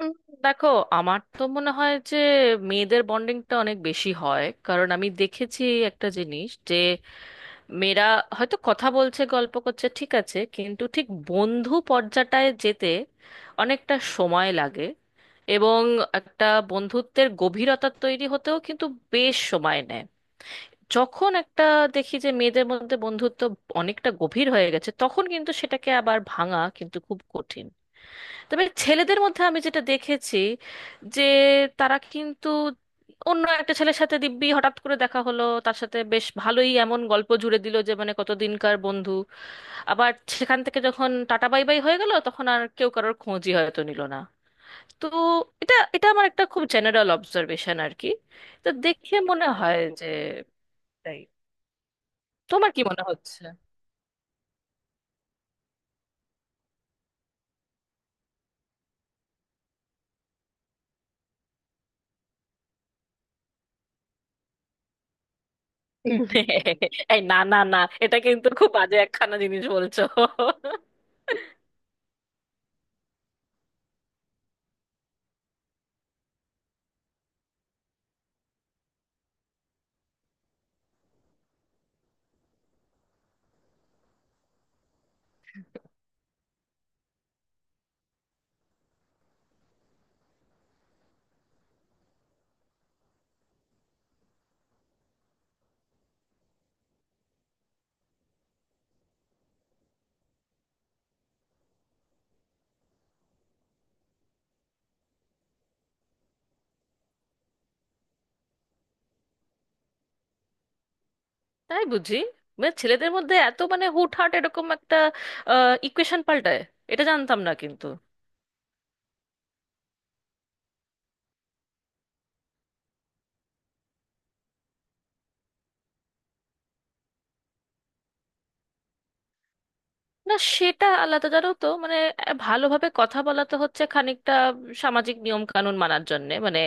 উম, দেখো, আমার তো মনে হয় যে মেয়েদের বন্ডিংটা অনেক বেশি হয়। কারণ আমি দেখেছি একটা জিনিস, যে মেয়েরা হয়তো কথা বলছে, গল্প করছে, ঠিক আছে, কিন্তু ঠিক বন্ধু পর্যাটায় যেতে অনেকটা সময় লাগে। এবং একটা বন্ধুত্বের গভীরতা তৈরি হতেও কিন্তু বেশ সময় নেয়। যখন একটা দেখি যে মেয়েদের মধ্যে বন্ধুত্ব অনেকটা গভীর হয়ে গেছে, তখন কিন্তু সেটাকে আবার ভাঙা কিন্তু খুব কঠিন। তবে ছেলেদের মধ্যে আমি যেটা দেখেছি, যে তারা কিন্তু অন্য একটা ছেলের সাথে দিব্যি হঠাৎ করে দেখা হলো, তার সাথে বেশ ভালোই এমন গল্প জুড়ে দিল যে মানে কতদিনকার বন্ধু। আবার সেখান থেকে যখন টাটা বাই বাই হয়ে গেল, তখন আর কেউ কারোর খোঁজই হয়তো নিল না। তো এটা এটা আমার একটা খুব জেনারেল অবজারভেশন আর কি। তো দেখে মনে হয় যে তাই। তোমার কি মনে হচ্ছে? এই, না না না, এটা কিন্তু খুব বাজে একখানা জিনিস বলছো। তাই বুঝি? মানে ছেলেদের মধ্যে এত মানে হুটহাট এরকম একটা ইকুয়েশন পাল্টায়, এটা জানতাম না কিন্তু। না, সেটা আলাদা জানো তো। মানে ভালোভাবে কথা বলা তো হচ্ছে খানিকটা সামাজিক নিয়ম কানুন মানার জন্যে। মানে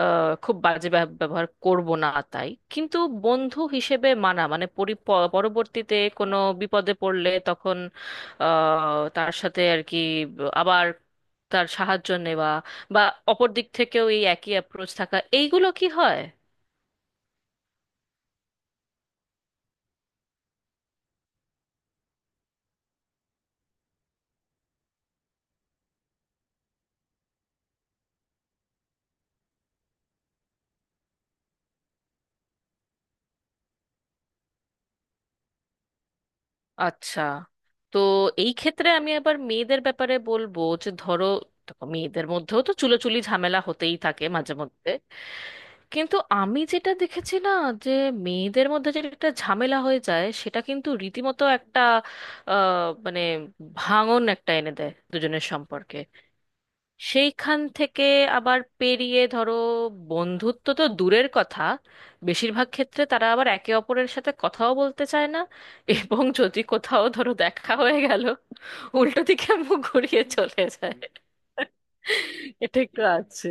খুব বাজে ব্যবহার করব না, তাই কিন্তু বন্ধু হিসেবে মানা মানে পরবর্তীতে কোনো বিপদে পড়লে তখন আহ, তার সাথে আর কি আবার তার সাহায্য নেওয়া, বা অপর দিক থেকেও এই একই অ্যাপ্রোচ থাকা, এইগুলো কি হয়? আচ্ছা। তো এই ক্ষেত্রে আমি আবার মেয়েদের ব্যাপারে বলবো যে ধরো, দেখো, মেয়েদের মধ্যেও তো চুলোচুলি ঝামেলা হতেই থাকে মাঝে মধ্যে। কিন্তু আমি যেটা দেখেছি না, যে মেয়েদের মধ্যে যেটা একটা ঝামেলা হয়ে যায়, সেটা কিন্তু রীতিমতো একটা মানে ভাঙন একটা এনে দেয় দুজনের সম্পর্কে। সেইখান থেকে আবার পেরিয়ে, ধরো, বন্ধুত্ব তো দূরের কথা, বেশিরভাগ ক্ষেত্রে তারা আবার একে অপরের সাথে কথাও বলতে চায় না। এবং যদি কোথাও ধরো দেখা হয়ে গেল, উল্টো দিকে মুখ ঘুরিয়ে চলে যায়। এটা একটু আছে।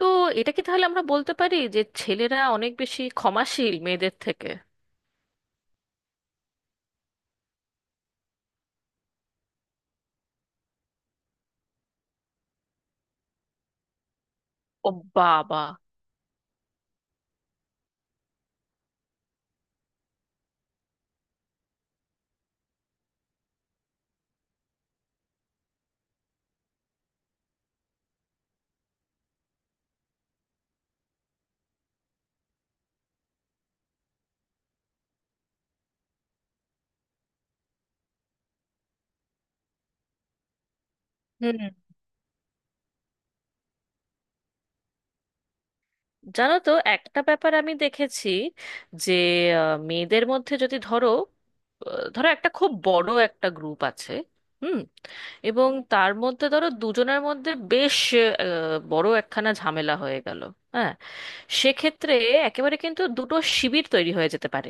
তো এটা কি তাহলে আমরা বলতে পারি যে ছেলেরা অনেক বেশি ক্ষমাশীল মেয়েদের থেকে? ও বাবা। হুম, জানো তো একটা ব্যাপার আমি দেখেছি, যে মেয়েদের মধ্যে যদি ধরো, ধরো একটা খুব বড় একটা গ্রুপ আছে, হুম, এবং তার মধ্যে ধরো দুজনের মধ্যে বেশ বড় একখানা ঝামেলা হয়ে গেল, হ্যাঁ, সেক্ষেত্রে একেবারে কিন্তু দুটো শিবির তৈরি হয়ে যেতে পারে।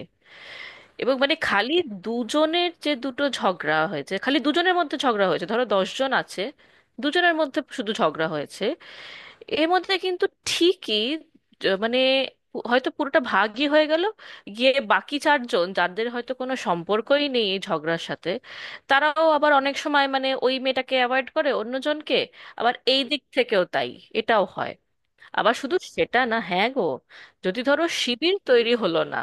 এবং মানে খালি দুজনের যে দুটো ঝগড়া হয়েছে, খালি দুজনের মধ্যে ঝগড়া হয়েছে, ধরো দশজন আছে, দুজনের মধ্যে শুধু ঝগড়া হয়েছে, এর মধ্যে কিন্তু ঠিকই মানে হয়তো পুরোটা ভাগই হয়ে গেল, গিয়ে বাকি চারজন যাদের হয়তো কোনো সম্পর্কই নেই এই ঝগড়ার সাথে, তারাও আবার অনেক সময় মানে ওই মেয়েটাকে অ্যাভয়েড করে অন্যজনকে। আবার এই দিক থেকেও তাই, এটাও হয়। আবার শুধু সেটা না, হ্যাঁ গো, যদি ধরো শিবির তৈরি হলো না।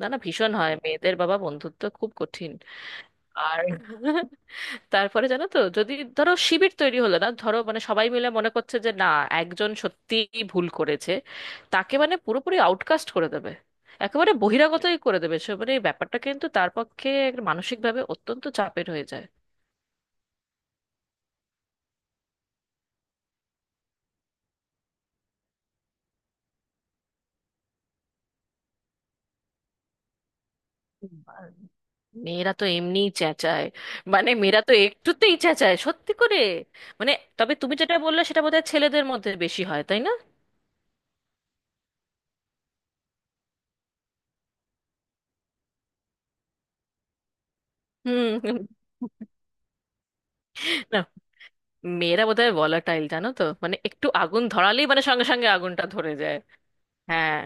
না না, ভীষণ হয় মেয়েদের, বাবা, বন্ধুত্ব খুব কঠিন। আর তারপরে জানো তো, যদি ধরো শিবির তৈরি হলো না, ধরো মানে সবাই মিলে মনে করছে যে না, একজন সত্যিই ভুল করেছে, তাকে মানে পুরোপুরি আউটকাস্ট করে দেবে, একেবারে বহিরাগতই করে দেবে, সে মানে এই ব্যাপারটা কিন্তু তার পক্ষে একটা মানসিকভাবে অত্যন্ত চাপের হয়ে যায়। আর মেয়েরা তো এমনিই চেঁচায়। মানে মেয়েরা তো একটুতেই চেঁচায় সত্যি করে। মানে তবে তুমি যেটা বললে সেটা বোধহয় ছেলেদের মধ্যে বেশি হয়, তাই না? হুম হুম। মেয়েরা বোধহয় ভোলাটাইল জানো তো, মানে একটু আগুন ধরালেই মানে সঙ্গে সঙ্গে আগুনটা ধরে যায়। হ্যাঁ।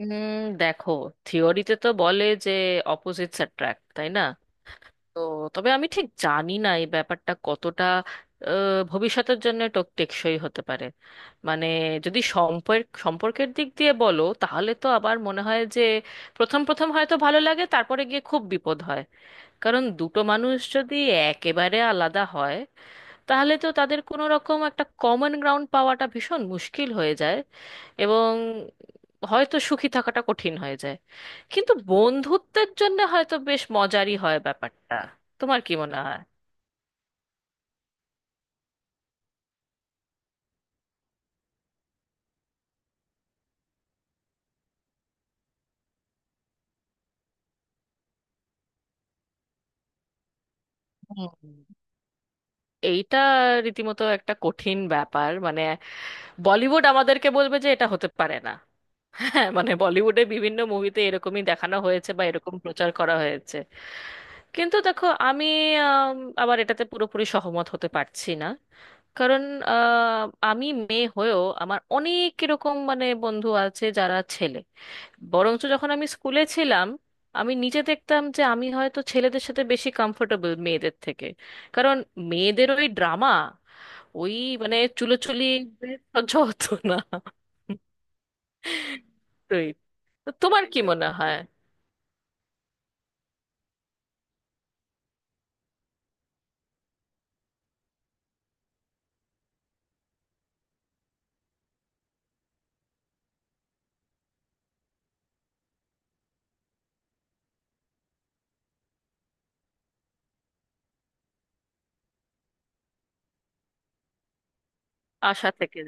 দেখো, থিওরিতে তো বলে যে অপোজিটস অ্যাট্রাক্ট, তাই না? তো তবে আমি ঠিক জানি না এই ব্যাপারটা কতটা ভবিষ্যতের জন্য টেকসই হতে পারে। মানে যদি সম্পর্কের দিক দিয়ে বলো, তাহলে তো আবার মনে হয় যে প্রথম প্রথম হয়তো ভালো লাগে, তারপরে গিয়ে খুব বিপদ হয়। কারণ দুটো মানুষ যদি একেবারে আলাদা হয়, তাহলে তো তাদের কোনো রকম একটা কমন গ্রাউন্ড পাওয়াটা ভীষণ মুশকিল হয়ে যায়। এবং হয়তো সুখী থাকাটা কঠিন হয়ে যায়। কিন্তু বন্ধুত্বের জন্য হয়তো বেশ মজারই হয় ব্যাপারটা। তোমার কি মনে হয়? হুম। এইটা রীতিমতো একটা কঠিন ব্যাপার। মানে বলিউড আমাদেরকে বলবে যে এটা হতে পারে না। হ্যাঁ, মানে বলিউডে বিভিন্ন মুভিতে এরকমই দেখানো হয়েছে বা এরকম প্রচার করা হয়েছে। কিন্তু দেখো, আমি আম, আবার এটাতে পুরোপুরি সহমত হতে পারছি না। কারণ আহ, আমি মেয়ে হয়েও আমার অনেক এরকম মানে বন্ধু আছে যারা ছেলে। বরঞ্চ যখন আমি স্কুলে ছিলাম, আমি নিজে দেখতাম যে আমি হয়তো ছেলেদের সাথে বেশি কমফোর্টেবল মেয়েদের থেকে। কারণ মেয়েদের ওই ড্রামা, ওই মানে চুলোচুলি সহ্য হতো না। তুই। তো তোমার কি মনে হয়? আশা থেকে।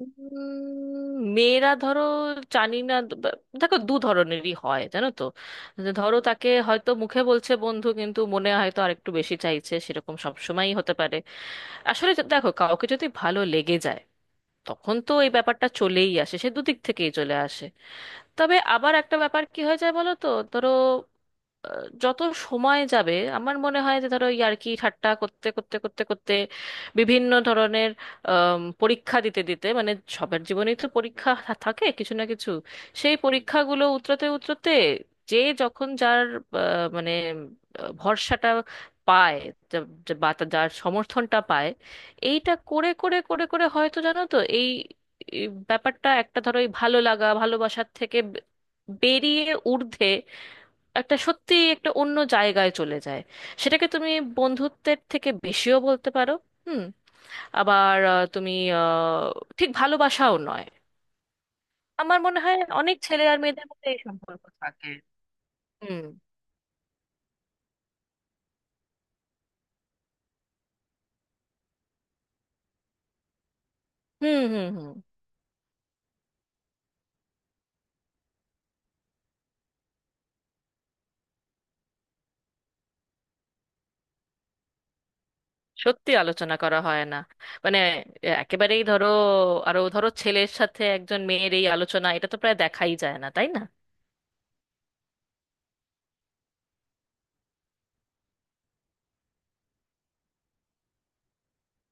মেয়েরা ধরো, জানি না, দেখো দু ধরনেরই হয় জানো তো। যে ধরো তাকে হয়তো মুখে বলছে বন্ধু কিন্তু মনে হয়তো আরেকটু বেশি চাইছে, সেরকম সবসময়ই হতে পারে। আসলে দেখো কাউকে যদি ভালো লেগে যায়, তখন তো এই ব্যাপারটা চলেই আসে, সে দুদিক থেকেই চলে আসে। তবে আবার একটা ব্যাপার কি হয়ে যায় বলো তো। ধরো যত সময় যাবে আমার মনে হয় যে ধরো ইয়ার্কি ঠাট্টা করতে করতে করতে করতে, বিভিন্ন ধরনের পরীক্ষা দিতে দিতে, মানে সবার জীবনেই তো পরীক্ষা থাকে কিছু না কিছু, সেই পরীক্ষাগুলো উতরাতে উতরাতে, যে যখন যার মানে ভরসাটা পায়, যা- যা- বা তা- যার সমর্থনটা পায়, এইটা করে করে করে করে, হয়তো জানো তো, এই এই ব্যাপারটা একটা, ধরো এই ভালো লাগা ভালোবাসার থেকে বেরিয়ে ঊর্ধ্বে একটা সত্যি একটা অন্য জায়গায় চলে যায়। সেটাকে তুমি বন্ধুত্বের থেকে বেশিও বলতে পারো। হুম। আবার তুমি আহ, ঠিক ভালোবাসাও নয়। আমার মনে হয় অনেক ছেলে আর মেয়েদের মধ্যে এই সম্পর্ক থাকে। হুম হুম হুম। হুম, সত্যি আলোচনা করা হয় না। মানে একেবারেই ধরো, আরো ধরো ছেলের সাথে একজন মেয়ের এই আলোচনা, এটা তো প্রায় দেখাই যায় না তাই না।